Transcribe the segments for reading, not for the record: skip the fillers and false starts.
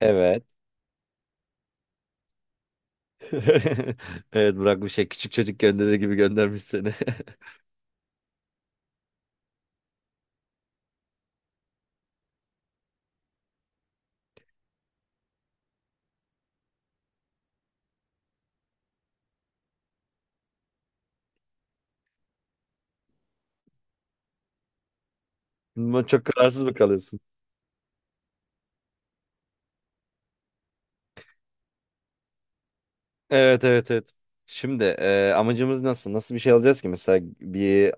Evet. Evet, bırakmış şey, küçük çocuk gönderir gibi göndermiş seni. Ama çok kararsız mı kalıyorsun? Evet, evet, evet. Şimdi amacımız nasıl? Nasıl bir şey alacağız ki? Mesela bir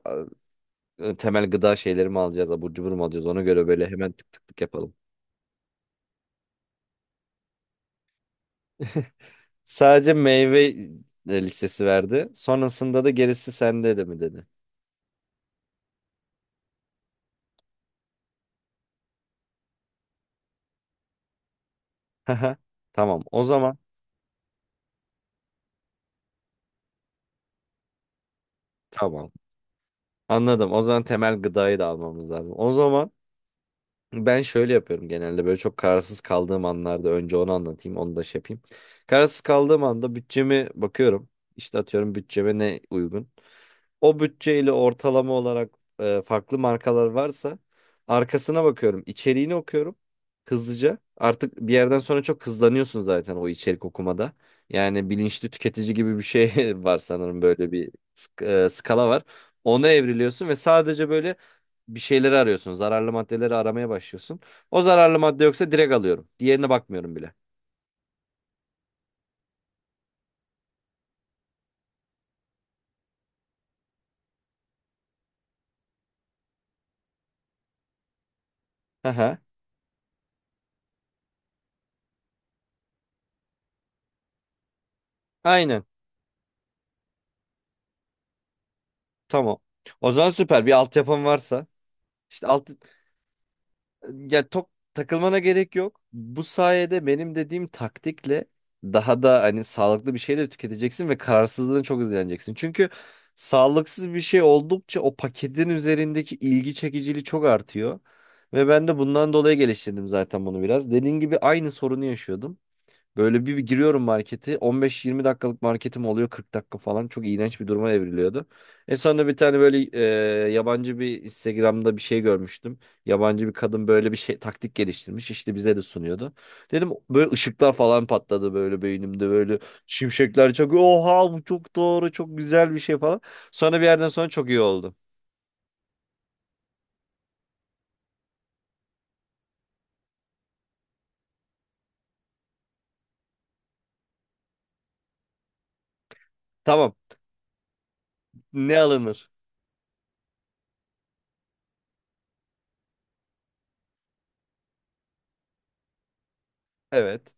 temel gıda şeyleri mi alacağız? Abur cubur mu alacağız? Ona göre böyle hemen tık tık tık yapalım. Sadece meyve listesi verdi. Sonrasında da gerisi sende de mi dedi. Tamam o zaman. Tamam. Anladım. O zaman temel gıdayı da almamız lazım. O zaman ben şöyle yapıyorum: genelde böyle çok kararsız kaldığım anlarda önce onu anlatayım, onu da şey yapayım. Kararsız kaldığım anda bütçemi bakıyorum. İşte atıyorum, bütçeme ne uygun. O bütçeyle ortalama olarak farklı markalar varsa arkasına bakıyorum, içeriğini okuyorum hızlıca. Artık bir yerden sonra çok hızlanıyorsun zaten o içerik okumada. Yani bilinçli tüketici gibi bir şey var sanırım, böyle bir skala var. Ona evriliyorsun ve sadece böyle bir şeyleri arıyorsun. Zararlı maddeleri aramaya başlıyorsun. O zararlı madde yoksa direkt alıyorum. Diğerine bakmıyorum bile. Aha, aynen. Tamam. O zaman süper. Bir altyapım varsa. İşte alt, ya çok takılmana gerek yok. Bu sayede benim dediğim taktikle daha da hani sağlıklı bir şey de tüketeceksin ve kararsızlığını çok hızlaneceksin. Çünkü sağlıksız bir şey oldukça o paketin üzerindeki ilgi çekiciliği çok artıyor. Ve ben de bundan dolayı geliştirdim zaten bunu biraz. Dediğin gibi aynı sorunu yaşıyordum. Böyle bir giriyorum marketi. 15-20 dakikalık marketim oluyor, 40 dakika falan. Çok iğrenç bir duruma evriliyordu. En sonunda bir tane böyle yabancı bir Instagram'da bir şey görmüştüm. Yabancı bir kadın böyle bir şey taktik geliştirmiş. İşte bize de sunuyordu. Dedim, böyle ışıklar falan patladı böyle beynimde, böyle şimşekler çakıyor. Oha, bu çok doğru, çok güzel bir şey falan. Sonra bir yerden sonra çok iyi oldu. Tamam, ne alınır? Evet.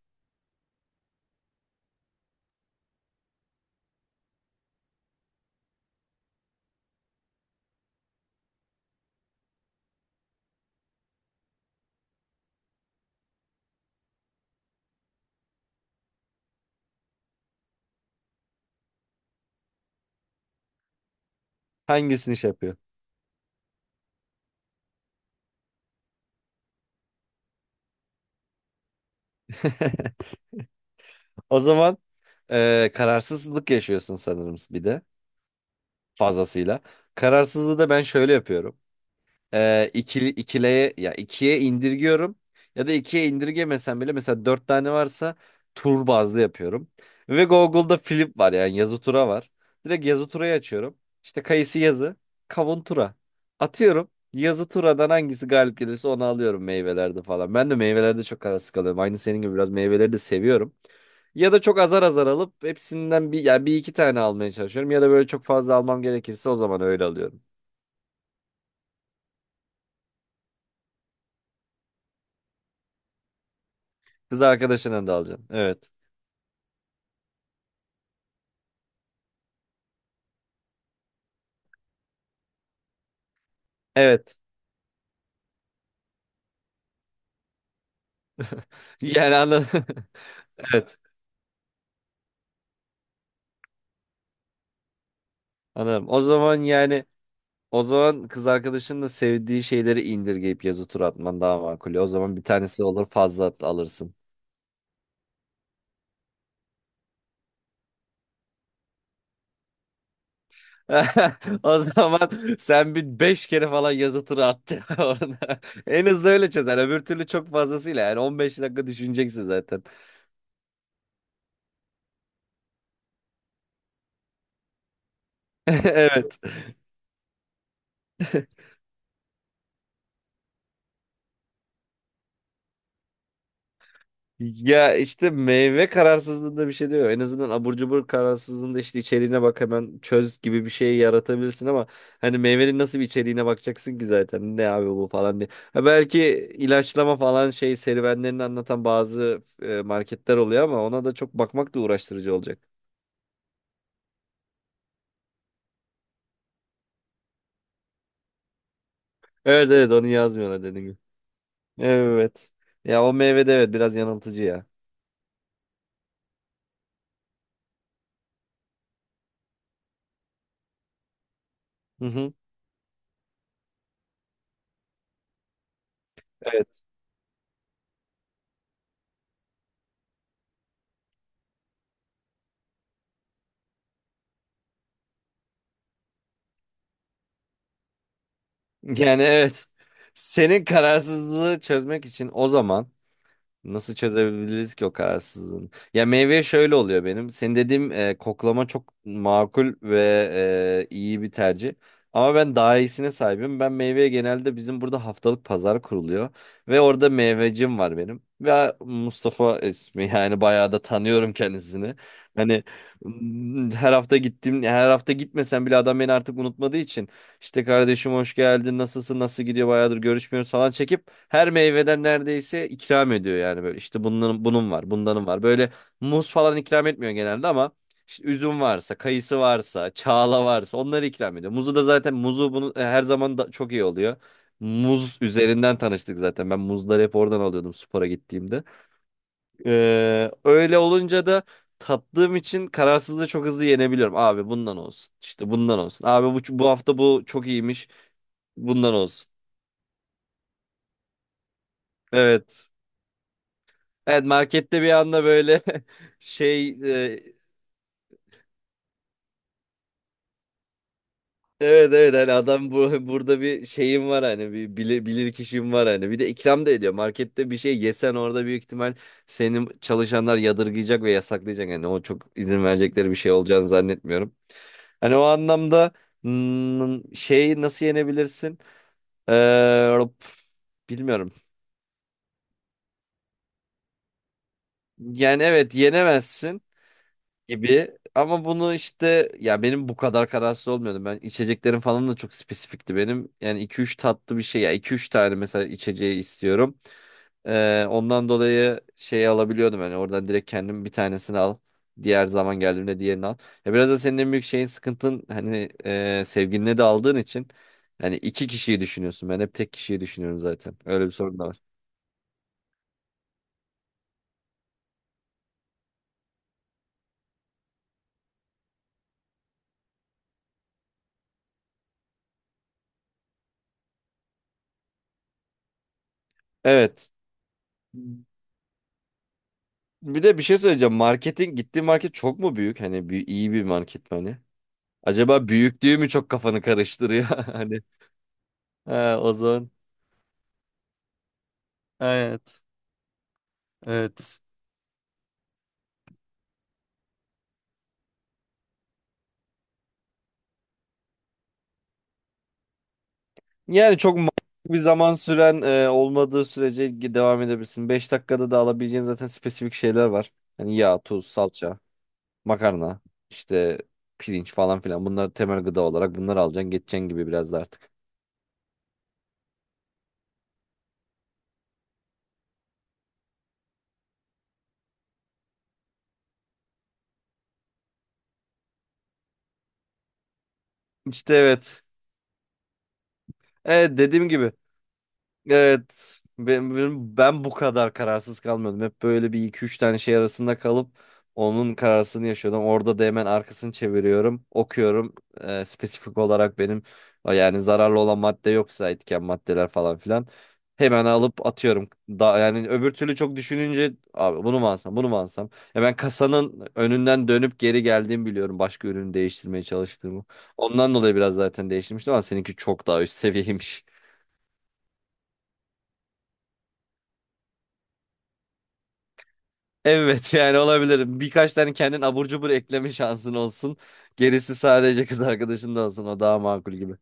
Hangisini şey yapıyor? O zaman kararsızlık yaşıyorsun sanırım bir de. Fazlasıyla. Kararsızlığı da ben şöyle yapıyorum: e, ikili ikileye ya ikiye indirgiyorum, ya da ikiye indirgemesem bile mesela dört tane varsa tur bazlı yapıyorum. Ve Google'da flip var, yani yazı tura var. Direkt yazı turayı açıyorum. İşte kayısı yazı, kavun tura. Atıyorum. Yazı turadan hangisi galip gelirse onu alıyorum meyvelerde falan. Ben de meyvelerde çok arası kalıyorum. Aynı senin gibi biraz meyveleri de seviyorum. Ya da çok azar azar alıp hepsinden bir, yani bir iki tane almaya çalışıyorum. Ya da böyle çok fazla almam gerekirse o zaman öyle alıyorum. Kız arkadaşına da alacağım. Evet. Evet. Yani anladım. Evet. Anladım. O zaman yani o zaman kız arkadaşının da sevdiği şeyleri indirgeyip yazı tur atman daha makul. O zaman bir tanesi olur, fazla alırsın. O zaman sen bir beş kere falan yazı turu at orada. En hızlı öyle çözer. Öbür türlü çok fazlasıyla, yani 15 dakika düşüneceksin zaten. Evet. Ya işte meyve kararsızlığında bir şey diyor. En azından abur cubur kararsızlığında işte içeriğine bak, hemen çöz gibi bir şey yaratabilirsin ama hani meyvenin nasıl bir içeriğine bakacaksın ki zaten, ne abi bu falan diye. Ha, belki ilaçlama falan şey serüvenlerini anlatan bazı marketler oluyor ama ona da çok bakmak da uğraştırıcı olacak. Evet, evet, onu yazmıyorlar dediğim gibi. Evet. Ya o meyve de evet biraz yanıltıcı ya. Hı hı. Evet. Yani evet. Senin kararsızlığı çözmek için o zaman nasıl çözebiliriz ki o kararsızlığını? Ya, meyve şöyle oluyor benim. Senin dediğim koklama çok makul ve iyi bir tercih. Ama ben daha iyisine sahibim. Ben meyveye genelde, bizim burada haftalık pazar kuruluyor. Ve orada meyvecim var benim. Ve Mustafa ismi, yani bayağı da tanıyorum kendisini. Hani her hafta gittim, her hafta gitmesem bile adam beni artık unutmadığı için işte kardeşim hoş geldin, nasılsın, nasıl gidiyor, bayağıdır görüşmüyoruz falan çekip her meyveden neredeyse ikram ediyor. Yani böyle işte bunun var, bundanın var, böyle muz falan ikram etmiyor genelde ama işte üzüm varsa, kayısı varsa, çağla varsa onları ikram ediyor. Muzu da zaten muzu bunu her zaman da çok iyi oluyor. Muz üzerinden tanıştık zaten, ben muzları hep oradan alıyordum spora gittiğimde. Öyle olunca da tattığım için kararsızlığı çok hızlı yenebiliyorum. Abi bundan olsun. İşte bundan olsun. Abi bu hafta bu çok iyiymiş. Bundan olsun. Evet. Evet, markette bir anda böyle şey, e, evet, evet, hani adam bu, burada bir şeyim var hani, bir bilir kişim var hani, bir de ikram da ediyor. Markette bir şey yesen orada büyük ihtimal senin çalışanlar yadırgayacak ve yasaklayacak. Yani o çok izin verecekleri bir şey olacağını zannetmiyorum. Hani o anlamda şeyi nasıl yenebilirsin? Ee, Bilmiyorum. Yani evet, yenemezsin gibi ama bunu işte, ya benim bu kadar kararsız olmuyordum. Ben içeceklerim falan da çok spesifikti benim. Yani iki üç tatlı bir şey, ya iki üç tane mesela içeceği istiyorum. Ondan dolayı şeyi alabiliyordum, hani oradan direkt kendim bir tanesini al. Diğer zaman geldiğimde diğerini al. Ya biraz da senin en büyük şeyin sıkıntın, hani sevgiline de aldığın için hani iki kişiyi düşünüyorsun. Ben hep tek kişiyi düşünüyorum zaten. Öyle bir sorun da var. Evet. Bir de bir şey söyleyeceğim. Gittiğin market çok mu büyük? Hani bir, iyi bir market mi hani? Acaba büyüklüğü mü çok kafanı karıştırıyor? Hani ha, o zaman. Evet. Evet. Yani çok bir zaman süren olmadığı sürece devam edebilirsin. 5 dakikada da alabileceğin zaten spesifik şeyler var. Yani yağ, tuz, salça, makarna, işte pirinç falan filan. Bunlar temel gıda olarak, bunları alacaksın, geçeceksin gibi biraz da artık. İşte evet. Evet, dediğim gibi. Evet. Ben bu kadar kararsız kalmıyordum. Hep böyle bir iki üç tane şey arasında kalıp onun kararsını yaşıyordum. Orada da hemen arkasını çeviriyorum, okuyorum. Spesifik olarak benim, yani zararlı olan madde yoksa, etken maddeler falan filan hemen alıp atıyorum. Da, yani öbür türlü çok düşününce abi bunu mu alsam, bunu mu alsam? Ya ben kasanın önünden dönüp geri geldiğimi biliyorum, başka ürünü değiştirmeye çalıştığımı. Ondan dolayı biraz zaten değiştirmiştim ama seninki çok daha üst seviyeymiş. Evet, yani olabilirim. Birkaç tane kendin abur cubur ekleme şansın olsun. Gerisi sadece kız arkadaşın da olsun. O daha makul gibi.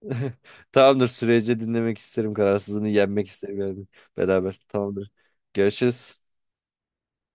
Tamamdır. Sürece dinlemek isterim. Kararsızlığını yenmek isterim yani. Beraber. Tamamdır. Görüşürüz.